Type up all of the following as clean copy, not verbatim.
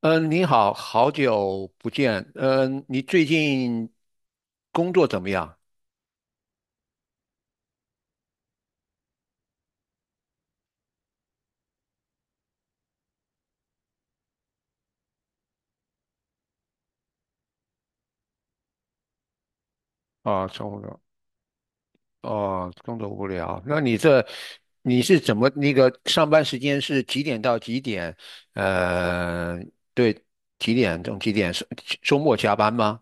嗯，你好，好久不见。嗯，你最近工作怎么样？啊，生活哦，工作无聊。那你这你是怎么那个上班时间是几点到几点？呃，对，几点钟几点？是周末加班吗？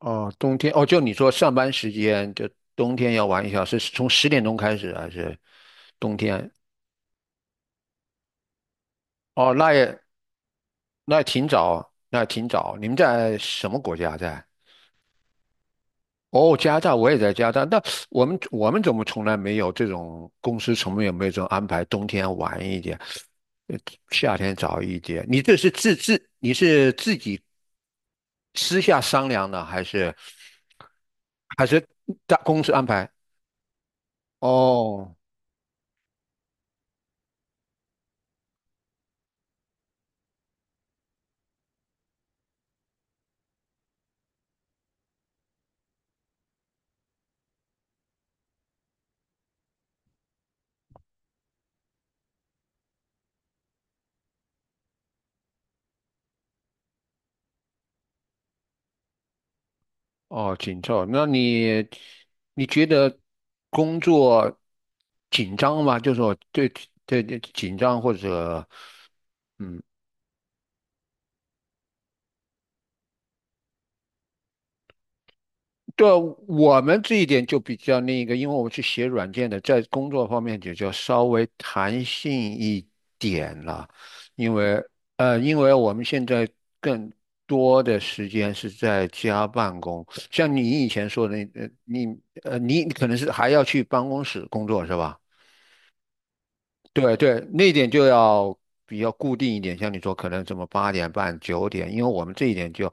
哦，冬天哦，就你说上班时间就冬天要晚一小时，是从十点钟开始还是冬天？哦，那也那也挺早，那也挺早。你们在什么国家在？哦，加拿大我也在加拿大，那我们怎么从来没有这种公司从来没有这种安排，冬天晚一点，呃夏天早一点？你这是自自你是自己私下商量的，还是还是大公司安排？哦哦，紧凑。那你你觉得工作紧张吗？就是说对对对紧张或者嗯对，我们这一点就比较那个，因为我们是写软件的，在工作方面就稍微弹性一点了，因为因为我们现在更多的时间是在家办公，像你以前说的那，你你可能是还要去办公室工作是吧？对对，那一点就要比较固定一点，像你说可能什么八点半、九点，因为我们这一点就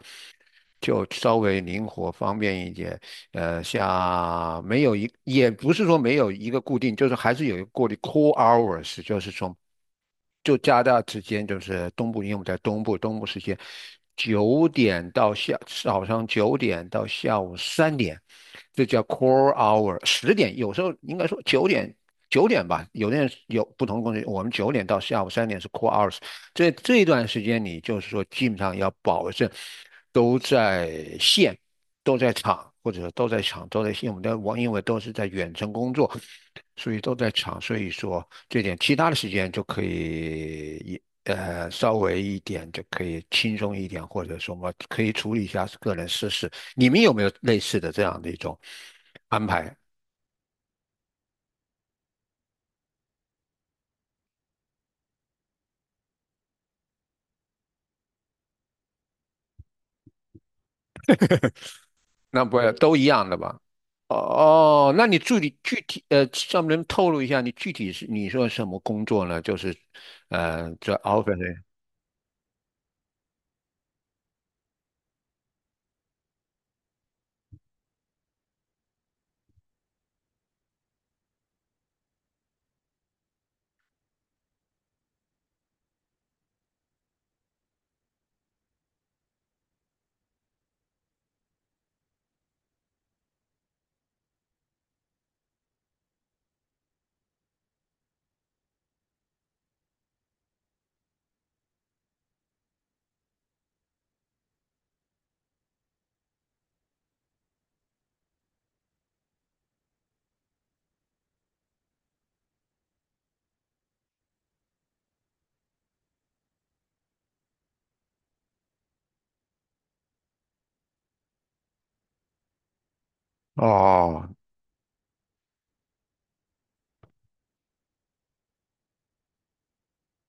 就稍微灵活方便一点。像没有一也不是说没有一个固定，就是还是有一个固定 core hours，就是从。就加拿大之间，就是东部，因为我们在东部，东部时间九点到下早上九点到下午三点，这叫 core hour。十点有时候应该说九点吧，有的人有不同的公司，我们九点到下午三点是 core hours。这一段时间，你就是说基本上要保证都在线，都在场。或者都在场，都在线，我们的网因为都是在远程工作，所以都在场，所以说这点其他的时间就可以一稍微一点就可以轻松一点，或者说嘛可以处理一下个人私事。你们有没有类似的这样的一种安排？那不都一样的吧？哦，那你具体上面能透露一下你具体是你说什么工作呢？就是这 office 哦。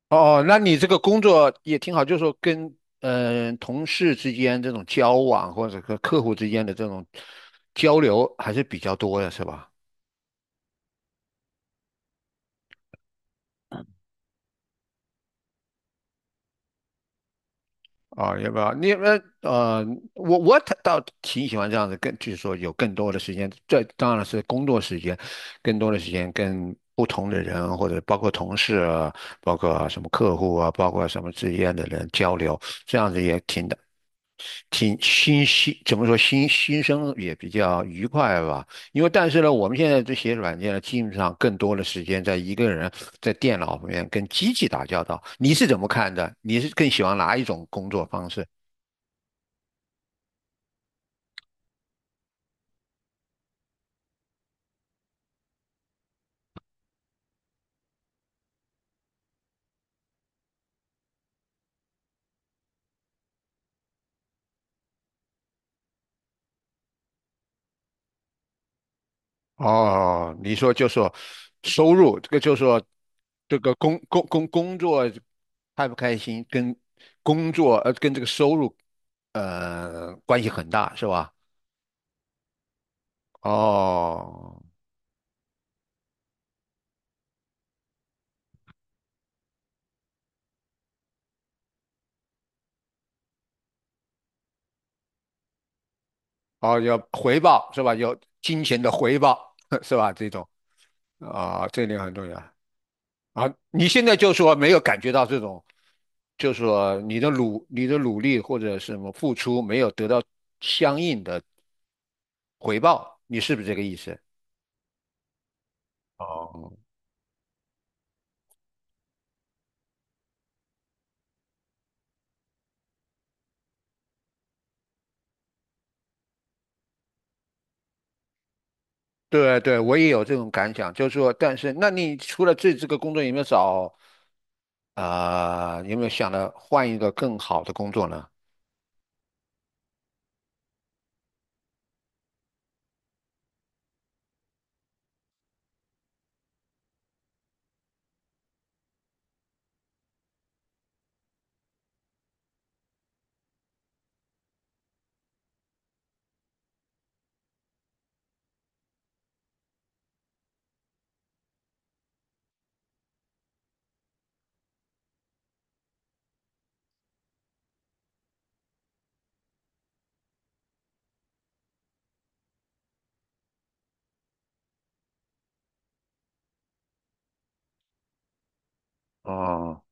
哦，哦那你这个工作也挺好，就是说跟同事之间这种交往，或者和客户之间的这种交流还是比较多的，是吧？啊、要不要？你们我倒挺喜欢这样子，更就是说有更多的时间，这当然是工作时间，更多的时间跟不同的人，或者包括同事啊，包括什么客户啊，包括什么之间的人交流，这样子也挺的。挺新新，怎么说新新生也比较愉快吧。因为但是呢，我们现在这些软件呢，基本上更多的时间在一个人在电脑里面跟机器打交道。你是怎么看的？你是更喜欢哪一种工作方式？哦，你说就说收入，这个就说这个工作开不开心，跟工作跟这个收入关系很大，是吧？哦，哦，有回报是吧？有金钱的回报 是吧？这种啊、这一点很重要啊。你现在就说没有感觉到这种，就说你的努你的努力或者什么付出没有得到相应的回报，你是不是这个意思？哦，对对，我也有这种感想，就是说，但是那你除了这个工作，有没有找啊、有没有想着换一个更好的工作呢？哦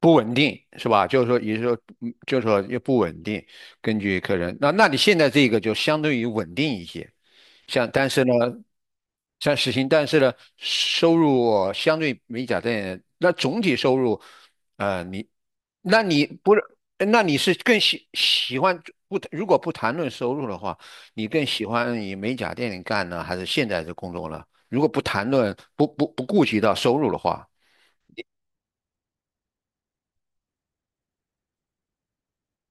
不稳定是吧？就是说，也就是说，嗯就是说也不稳定，根据客人。那那你现在这个就相对于稳定一些，像但是呢，像实行，但是呢，收入相对美甲店，那总体收入，你，那你不是，那你是更喜喜欢不？如果不谈论收入的话，你更喜欢以美甲店里干呢，还是现在的工作呢？如果不谈论不不不顾及到收入的话，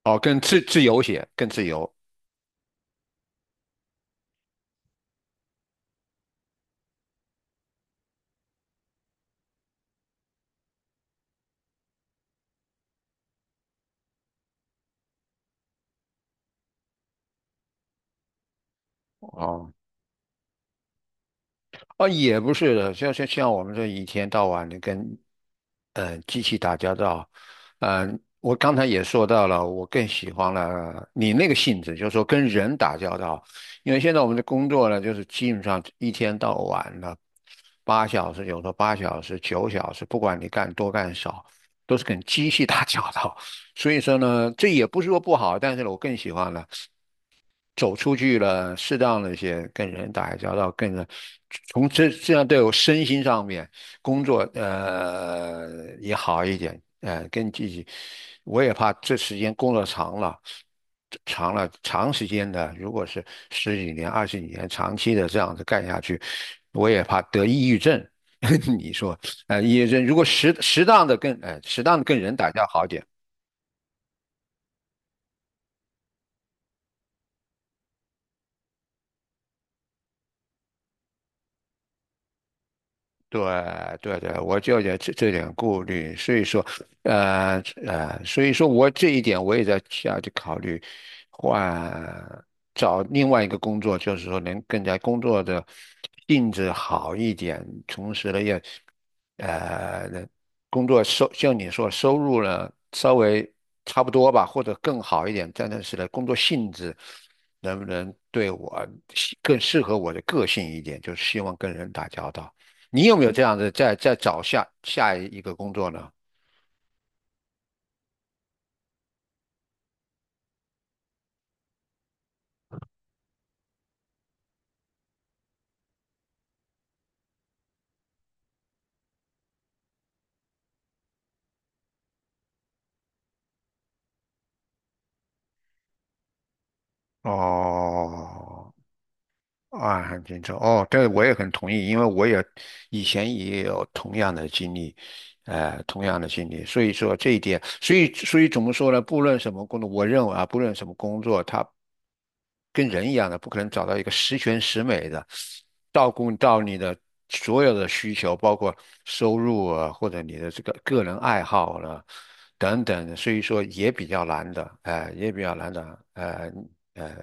哦，更自自由些，更自由。哦，啊，也不是的，像像像我们这一天到晚的跟，机器打交道，我刚才也说到了，我更喜欢了你那个性质，就是说跟人打交道，因为现在我们的工作呢，就是基本上一天到晚了，八小时，有时候八小时、九小时，不管你干多干少，都是跟机器 打交道，所以说呢，这也不是说不好，但是呢，我更喜欢了。走出去了，适当的一些跟人打交道，跟人从这样对我身心上面工作也好一点，跟自己，我也怕这时间工作长了，长了长时间的，如果是十几年、二十几年长期的这样子干下去，我也怕得抑郁症。你说，抑郁症如果适适当的跟，适当的跟人打交道好一点。对对对，我就有这点顾虑，所以说，呃所以说我这一点我也在下去考虑，换找另外一个工作，就是说能更加工作的性质好一点，同时呢也，能工作收像你说收入呢稍微差不多吧，或者更好一点，但是呢工作性质能不能对我更适合我的个性一点，就是希望跟人打交道。你有没有这样的在在找下下一个工作呢？哦，啊，很清楚。哦，这个我也很同意，因为我也以前也有同样的经历，同样的经历。所以说这一点，所以所以怎么说呢？不论什么工作，我认为啊，不论什么工作，他。跟人一样的，不可能找到一个十全十美的，照顾到你的所有的需求，包括收入啊，或者你的这个个人爱好了、等等所以说也比较难的，哎、也比较难的，呃，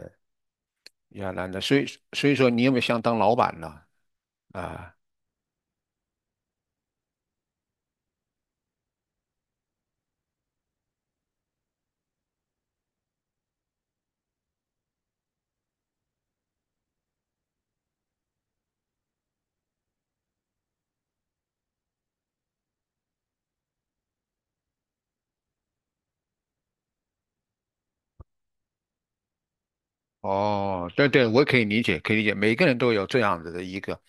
比较难的，所以所以说你有没有想当老板呢？啊、哦，对对，我可以理解，可以理解，每个人都有这样子的一个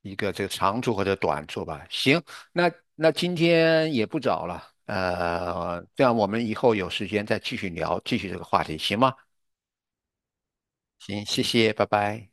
一个这个长处或者短处吧。行，那那今天也不早了，这样我们以后有时间再继续聊，继续这个话题，行吗？行，谢谢，拜拜。